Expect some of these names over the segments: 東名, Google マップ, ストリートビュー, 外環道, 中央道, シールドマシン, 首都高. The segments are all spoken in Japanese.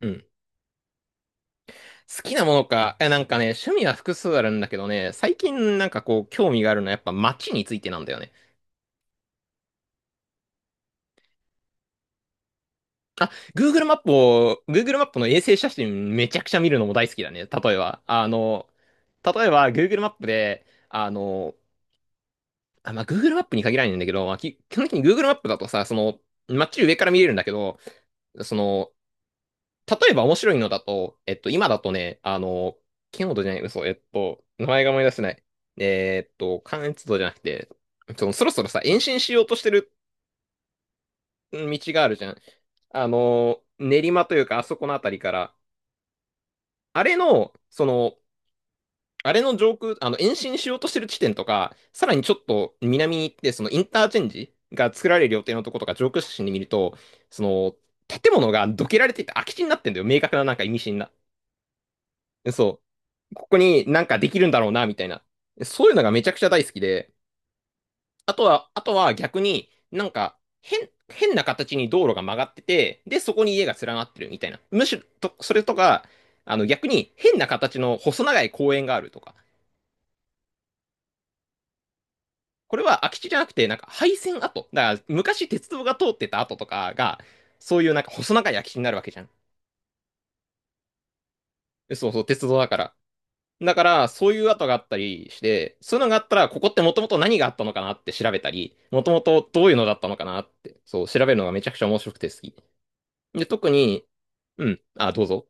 うん。好きなものか。趣味は複数あるんだけどね、最近興味があるのはやっぱ街についてなんだよね。あ、Google マップを、Google マップの衛星写真めちゃくちゃ見るのも大好きだね。例えば、例えば Google マップで、あ、まあ、Google マップに限らないんだけど、まあ、基本的に Google マップだとさ、街上から見れるんだけど、その、例えば面白いのだと、今だとね、あの、キノードじゃない、嘘、えっと、名前が思い出せない。関越道じゃなくて、そのそろそろさ、延伸しようとしてる道があるじゃん。あの、練馬というか、あそこのあたりから、あれの、その、あれの上空、あの、延伸しようとしてる地点とか、さらにちょっと南に行って、そのインターチェンジが作られる予定のとことか、上空写真で見ると、その、建物がどけられていて空き地になってんだよ。明確ななんか意味深な。そう。ここになんかできるんだろうな、みたいな。そういうのがめちゃくちゃ大好きで。あとは逆になんか変な形に道路が曲がってて、で、そこに家が連なってるみたいな。むしろ、と、それとか、あの逆に変な形の細長い公園があるとか。これは空き地じゃなくて、なんか廃線跡。だから昔鉄道が通ってた跡とかが、そういうなんか細長い空き地になるわけじゃん。そうそう、鉄道だから。だから、そういう跡があったりして、そういうのがあったら、ここってもともと何があったのかなって調べたり、もともとどういうのだったのかなって、そう、調べるのがめちゃくちゃ面白くて好き。で、特に、うん、あ、どうぞ。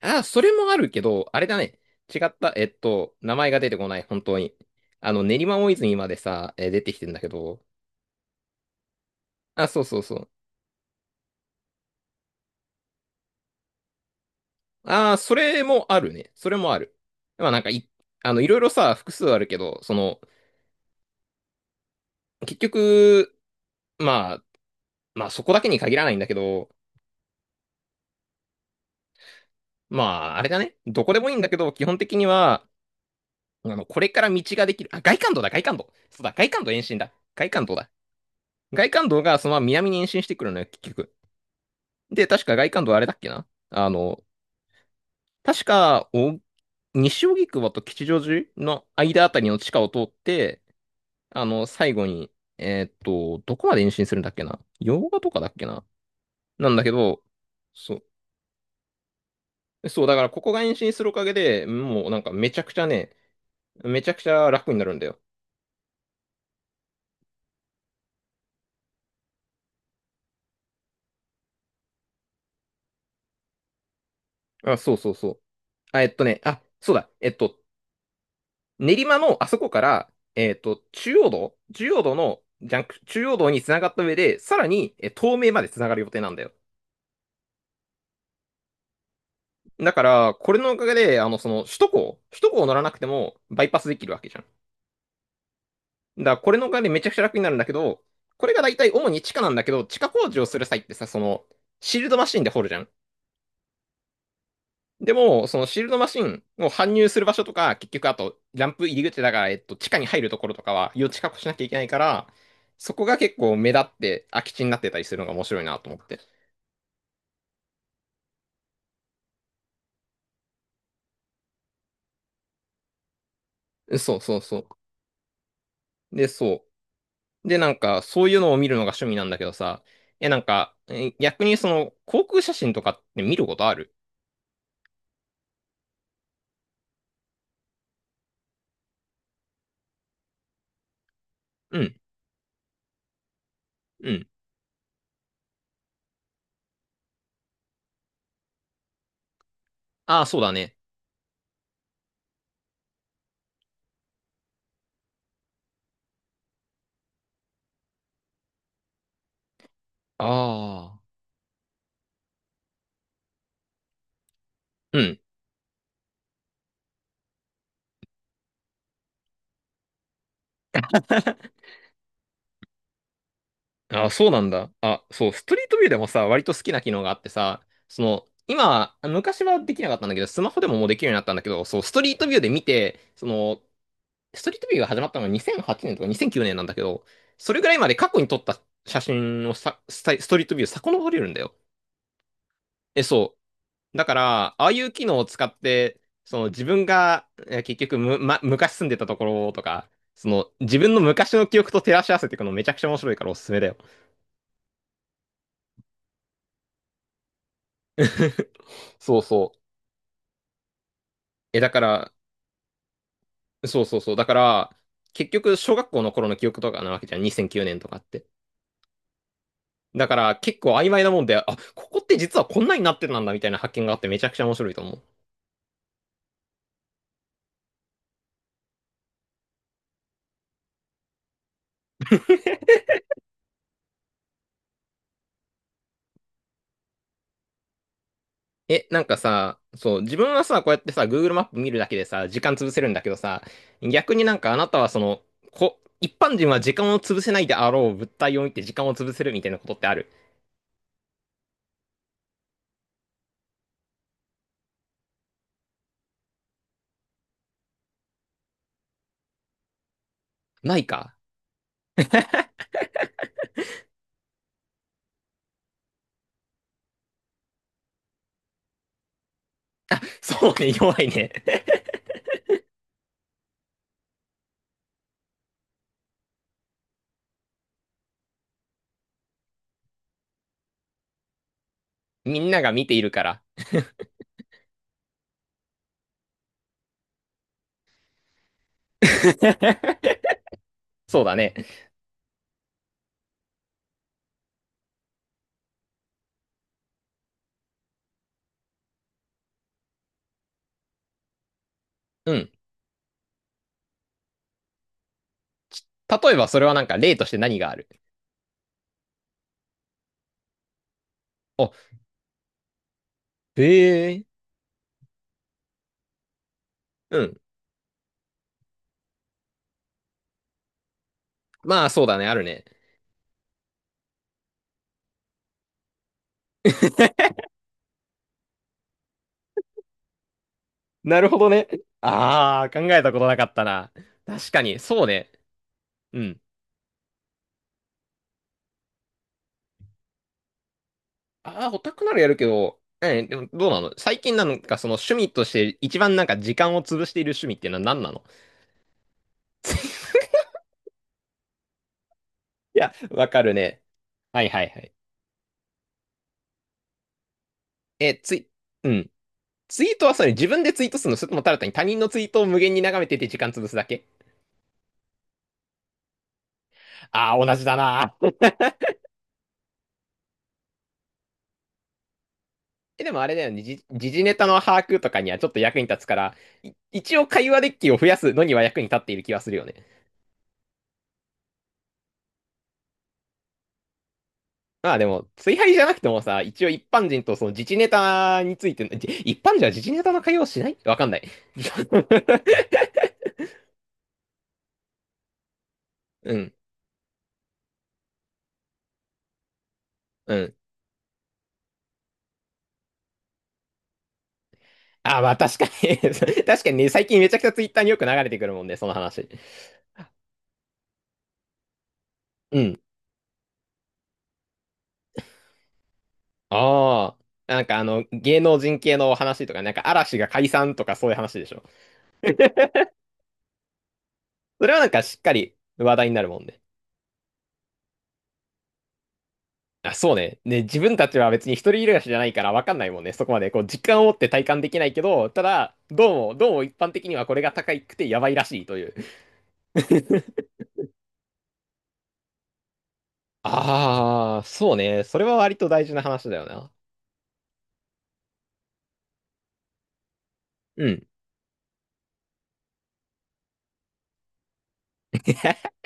あ、それもあるけど、あれだね。違った、えっと、名前が出てこない、本当に。あの、練馬大泉までさ、出てきてんだけど、あ、そうそうそう。ああ、それもあるね。それもある。まあなんかい、あの、いろいろさ、複数あるけど、結局、まあ、まあそこだけに限らないんだけど、まあ、あれだね。どこでもいいんだけど、基本的には、これから道ができる。あ、外環道だ、外環道。そうだ、外環道延伸だ。外環道だ。外環道がそのまま南に延伸してくるのよ、結局。で、確か外環道あれだっけなあの、確か、西荻窪と吉祥寺の間あたりの地下を通って、あの、最後に、どこまで延伸するんだっけな洋画とかだっけななんだけど、そう。そう、だからここが延伸するおかげで、もうなんかめちゃくちゃね、めちゃくちゃ楽になるんだよ。あ、そうそうそう。あ、えっとね、あ、そうだ。練馬のあそこから、えっと、中央道の、ジャンク、中央道に繋がった上で、さらに、え、東名まで繋がる予定なんだよ。だから、これのおかげで、首都高を乗らなくても、バイパスできるわけじゃん。だから、これのおかげでめちゃくちゃ楽になるんだけど、これが大体主に地下なんだけど、地下工事をする際ってさ、シールドマシンで掘るじゃん。でも、そのシールドマシンを搬入する場所とか、結局あと、ランプ入り口だから、地下に入るところとかは、余地確保しなきゃいけないから、そこが結構目立って空き地になってたりするのが面白いなと思って。そうそうそう。で、そう。で、なんか、そういうのを見るのが趣味なんだけどさ、え、なんか、え逆にその、航空写真とかって見ることあるうん、うん。ああ、そうだね。ああ。うん。あ、そうなんだ。あ、そう、ストリートビューでもさ、割と好きな機能があってさ、その、今、昔はできなかったんだけど、スマホでももうできるようになったんだけど、そう、ストリートビューで見て、ストリートビューが始まったのが2008年とか2009年なんだけど、それぐらいまで過去に撮った写真をさ、ストリートビュー遡れるんだよ。え、そう。だから、ああいう機能を使って、その自分が、え結局む、ま、昔住んでたところとか、その自分の昔の記憶と照らし合わせていくのめちゃくちゃ面白いからおすすめだよ。そうそう。え、だから、そうそうそう。だから、結局、小学校の頃の記憶とかなわけじゃん。2009年とかって。だから、結構曖昧なもんで、あ、ここって実はこんなになってたんだみたいな発見があってめちゃくちゃ面白いと思う。え、なんかさ、そう、自分はさ、こうやってさ、Google マップ見るだけでさ、時間潰せるんだけどさ、逆になんかあなたはその、一般人は時間を潰せないであろう物体を見て時間を潰せるみたいなことってあるないかそうね、弱いね。みんなが見ているから。そうだね。うん。例えばそれはなんか例として何があるあへえ。うん。まあそうだね、あるね。なるほどね。ああ、考えたことなかったな。確かに、そうね。うん。ああ、オタクならやるけど、え、でもどうなの最近なんかその趣味として一番なんか時間を潰している趣味っていうのは何なの いや、わかるね。はいはいはい。え、ツイ、うん。ツイートはそれ自分でツイートするのそれともただ単に他人のツイートを無限に眺めてて時間潰すだけああー、同じだな。え、でもあれだよね、時事ネタの把握とかにはちょっと役に立つから、一応会話デッキを増やすのには役に立っている気はするよね。まあでも、追敗じゃなくてもさ、一応一般人とその自事ネタについての、一般人は自事ネタの会話をしないわかんない。うん、うん。あ、まあ確かに 確かにね、最近めちゃくちゃツイッターによく流れてくるもんね、その話。うん。ああ。なんかあの、芸能人系の話とか、なんか嵐が解散とかそういう話でしょ。それはなんかしっかり話題になるもんね。あ、そうね。ね、自分たちは別に一人暮らしじゃないから分かんないもんね。そこまでこう実感を持って体感できないけど、ただ、どうも、どうも一般的にはこれが高くてやばいらしいという。ああ、そうね。それは割と大事な話だよな。うん。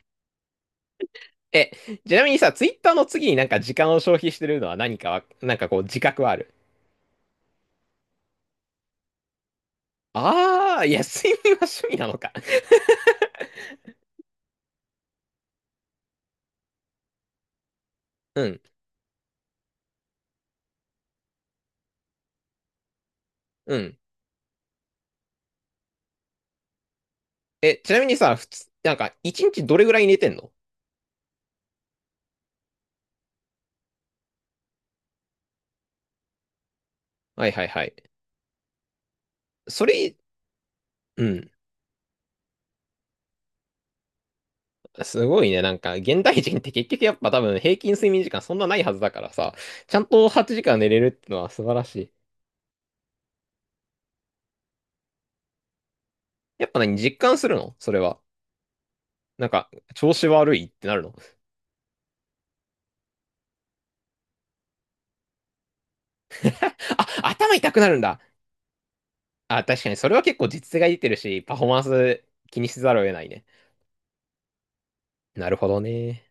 え、ちなみにさ、ツイッターの次になんか時間を消費してるのは何かは、なんかこう自覚はある。ああ、いや、睡眠は趣味なのか。うん、うん。え、ちなみにさ、普通、なんか一日どれぐらい寝てんのはいはいはい。それ、うん。すごいね。なんか、現代人って結局やっぱ多分平均睡眠時間そんなないはずだからさ、ちゃんと8時間寝れるってのは素晴らしい。やっぱ何、実感するのそれは。なんか、調子悪いってなるの あ、頭痛くなるんだ。あ、確かにそれは結構実勢が出てるし、パフォーマンス気にせざるを得ないね。なるほどね。